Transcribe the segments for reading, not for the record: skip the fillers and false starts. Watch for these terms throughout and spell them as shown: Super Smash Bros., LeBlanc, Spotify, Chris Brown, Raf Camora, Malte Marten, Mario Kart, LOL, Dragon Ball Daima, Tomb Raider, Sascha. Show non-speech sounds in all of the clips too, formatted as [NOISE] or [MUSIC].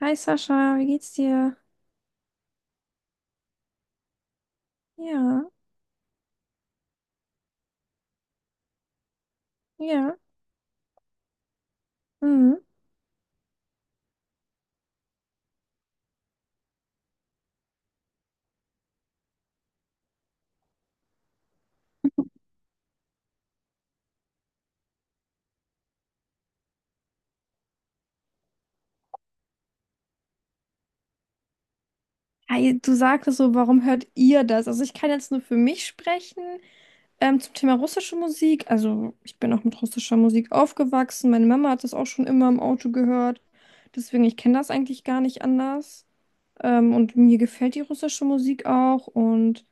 Hi Sascha, wie geht's dir? Ja, ja. Mhm. Hi, du sagtest so, warum hört ihr das? Also ich kann jetzt nur für mich sprechen zum Thema russische Musik. Also ich bin auch mit russischer Musik aufgewachsen. Meine Mama hat das auch schon immer im Auto gehört. Deswegen, ich kenne das eigentlich gar nicht anders. Und mir gefällt die russische Musik auch. Und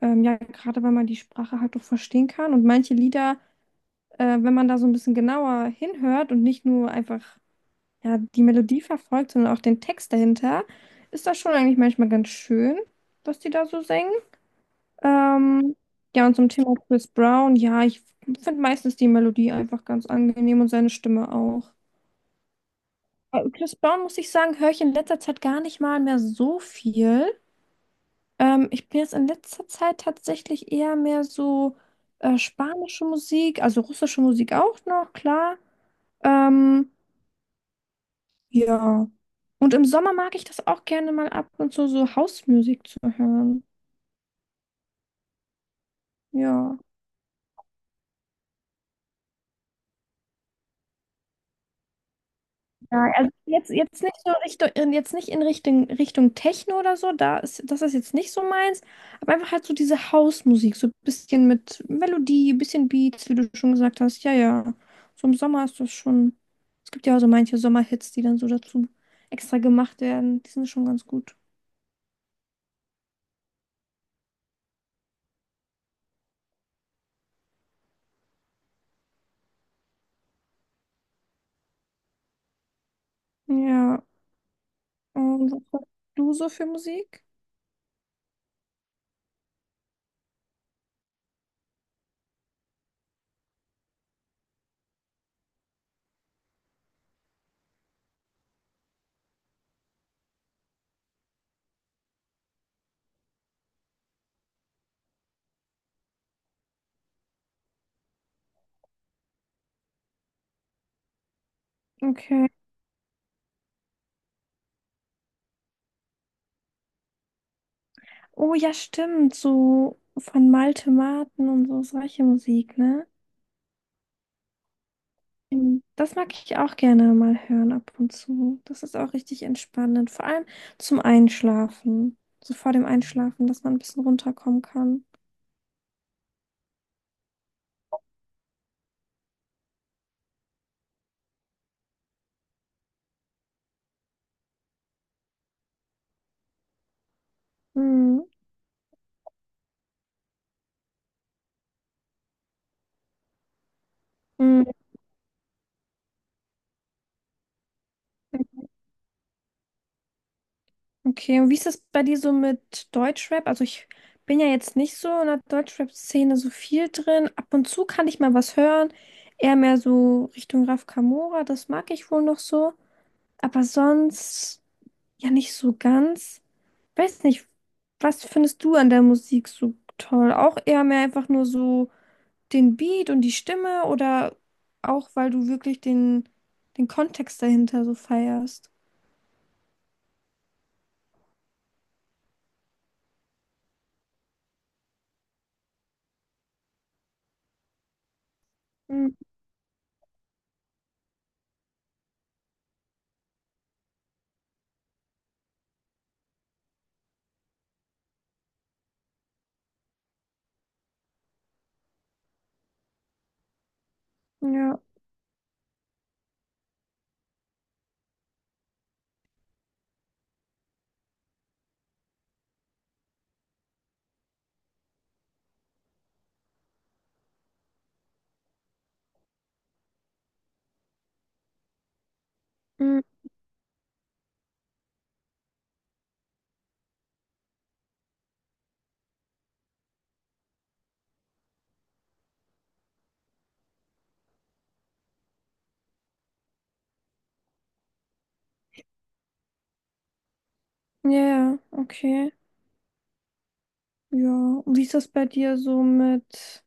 ja, gerade weil man die Sprache halt auch verstehen kann. Und manche Lieder, wenn man da so ein bisschen genauer hinhört und nicht nur einfach ja, die Melodie verfolgt, sondern auch den Text dahinter, ist das schon eigentlich manchmal ganz schön, was die da so singen. Ähm, ja, und zum Thema Chris Brown, ja, ich finde meistens die Melodie einfach ganz angenehm und seine Stimme auch. Chris Brown, muss ich sagen, höre ich in letzter Zeit gar nicht mal mehr so viel. Ich bin jetzt in letzter Zeit tatsächlich eher mehr so spanische Musik, also russische Musik auch noch, klar. Ähm, Ja. Und im Sommer mag ich das auch gerne mal ab und zu so Hausmusik zu hören. Ja. Ja, also jetzt nicht so Richtung, jetzt nicht in Richtung, Techno oder so, das ist jetzt nicht so meins, aber einfach halt so diese Hausmusik, so ein bisschen mit Melodie, ein bisschen Beats, wie du schon gesagt hast. Ja, ja. So im Sommer ist das schon. Es gibt ja auch so manche Sommerhits, die dann so dazu extra gemacht werden. Die sind schon ganz gut. Ja. Und was machst du so für Musik? Okay. Oh ja, stimmt. So von Malte Marten und so solche Musik, ne? Mhm. Das mag ich auch gerne mal hören ab und zu. Das ist auch richtig entspannend. Vor allem zum Einschlafen. So vor dem Einschlafen, dass man ein bisschen runterkommen kann. Mhm. Mhm. Okay, und wie ist das bei dir so mit Deutschrap? Also ich bin ja jetzt nicht so in der Deutschrap-Szene so viel drin. Ab und zu kann ich mal was hören. Eher mehr so Richtung Raf Camora, das mag ich wohl noch so. Aber sonst. Ja, nicht so ganz. Weiß nicht, was findest du an der Musik so toll? Auch eher mehr einfach nur so den Beat und die Stimme oder auch, weil du wirklich den Kontext dahinter so feierst? Hm, ja, hm, ja, ja, okay. Ja, und wie ist das bei dir so mit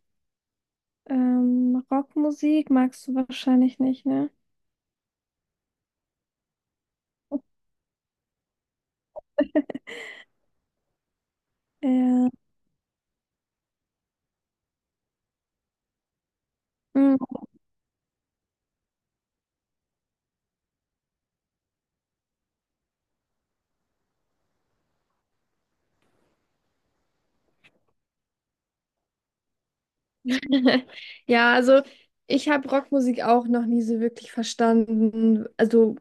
Rockmusik? Magst du wahrscheinlich nicht, ne? Ja. Hm. [LAUGHS] Ja, also ich habe Rockmusik auch noch nie so wirklich verstanden. Also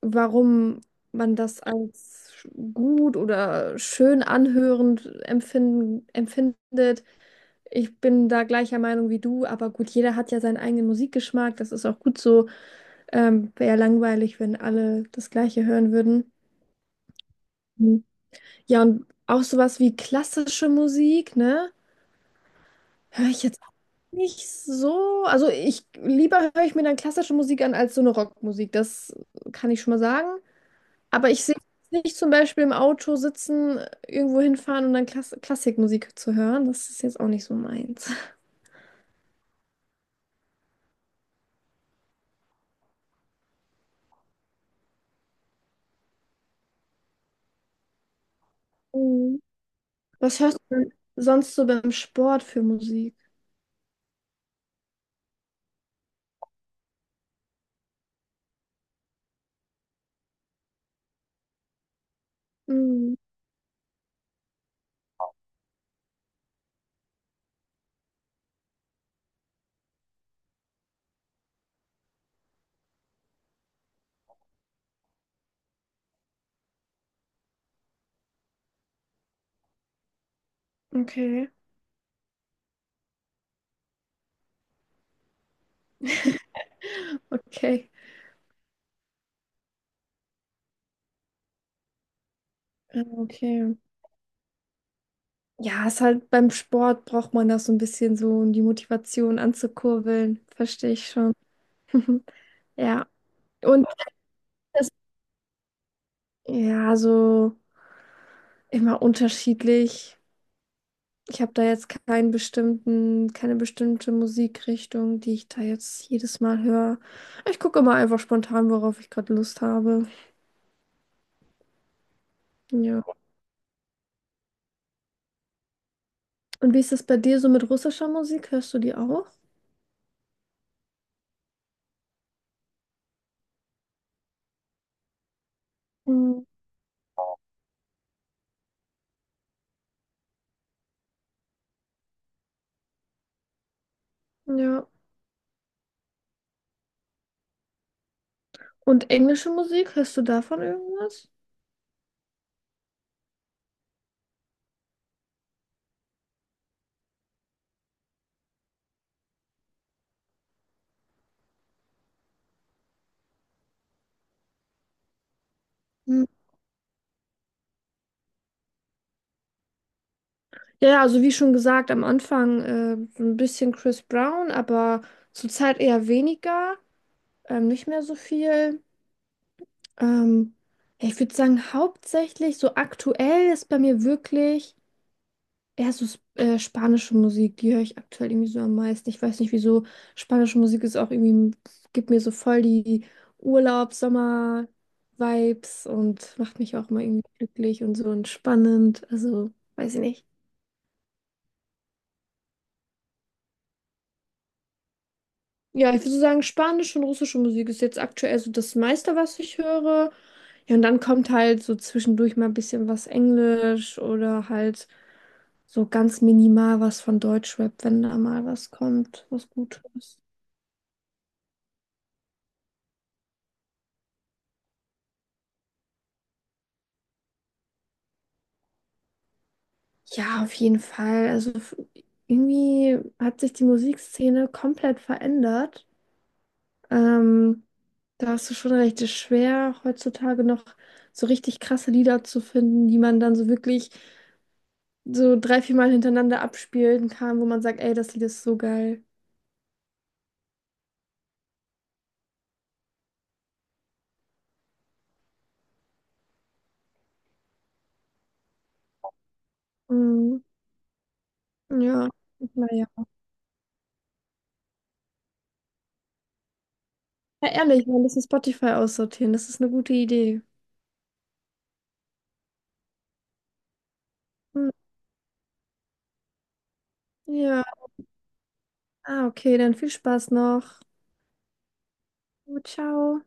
warum man das als gut oder schön anhörend empfindet. Ich bin da gleicher Meinung wie du, aber gut, jeder hat ja seinen eigenen Musikgeschmack, das ist auch gut so. Wäre ja langweilig, wenn alle das Gleiche hören würden. Mhm. Ja, und auch sowas wie klassische Musik, ne? Höre ich jetzt auch nicht so. Also ich lieber höre ich mir dann klassische Musik an als so eine Rockmusik, das kann ich schon mal sagen. Aber ich sehe nicht zum Beispiel im Auto sitzen, irgendwo hinfahren und dann Klassikmusik zu hören. Das ist jetzt auch nicht so meins. Mhm. Was hörst du denn sonst so beim Sport für Musik? Mhm. Okay. [LAUGHS] Okay. Ja, okay. Ja, ist halt beim Sport braucht man das so ein bisschen so, um die Motivation anzukurbeln. Verstehe ich schon. [LAUGHS] Ja. Und das, ja, so immer unterschiedlich. Ich habe da jetzt keinen bestimmten, keine bestimmte Musikrichtung, die ich da jetzt jedes Mal höre. Ich gucke immer einfach spontan, worauf ich gerade Lust habe. Ja. Und wie ist das bei dir so mit russischer Musik? Hörst du die auch? Mhm. Ja. Und englische Musik? Hörst du davon irgendwas? Mhm. Ja, ja, also wie schon gesagt, am Anfang so ein bisschen Chris Brown, aber zurzeit eher weniger, nicht mehr so viel. Ähm, ja, ich würde sagen, hauptsächlich so aktuell ist bei mir wirklich. Eher so spanische Musik, die höre ich aktuell irgendwie so am meisten. Ich weiß nicht, wieso. Spanische Musik ist auch irgendwie, gibt mir so voll die Urlaubs-Sommer-Vibes und macht mich auch immer irgendwie glücklich und so entspannend. Also, weiß ich nicht. Ja, ich würde so sagen, spanische und russische Musik ist jetzt aktuell so das meiste, was ich höre. Ja, und dann kommt halt so zwischendurch mal ein bisschen was Englisch oder halt so ganz minimal was von Deutschrap, wenn da mal was kommt, was Gutes. Ja, auf jeden Fall. Also irgendwie hat sich die Musikszene komplett verändert. Ähm, da hast du schon recht, es ist schwer, heutzutage noch so richtig krasse Lieder zu finden, die man dann so wirklich so 3, 4 Mal hintereinander abspielen kann, wo man sagt, ey, das Lied ist so geil. Mhm. Ja, naja. Ja, ja, ehrlich, wir müssen Spotify aussortieren. Das ist eine gute Idee. Mhm. Ja, ah, okay, dann viel Spaß noch. Ciao.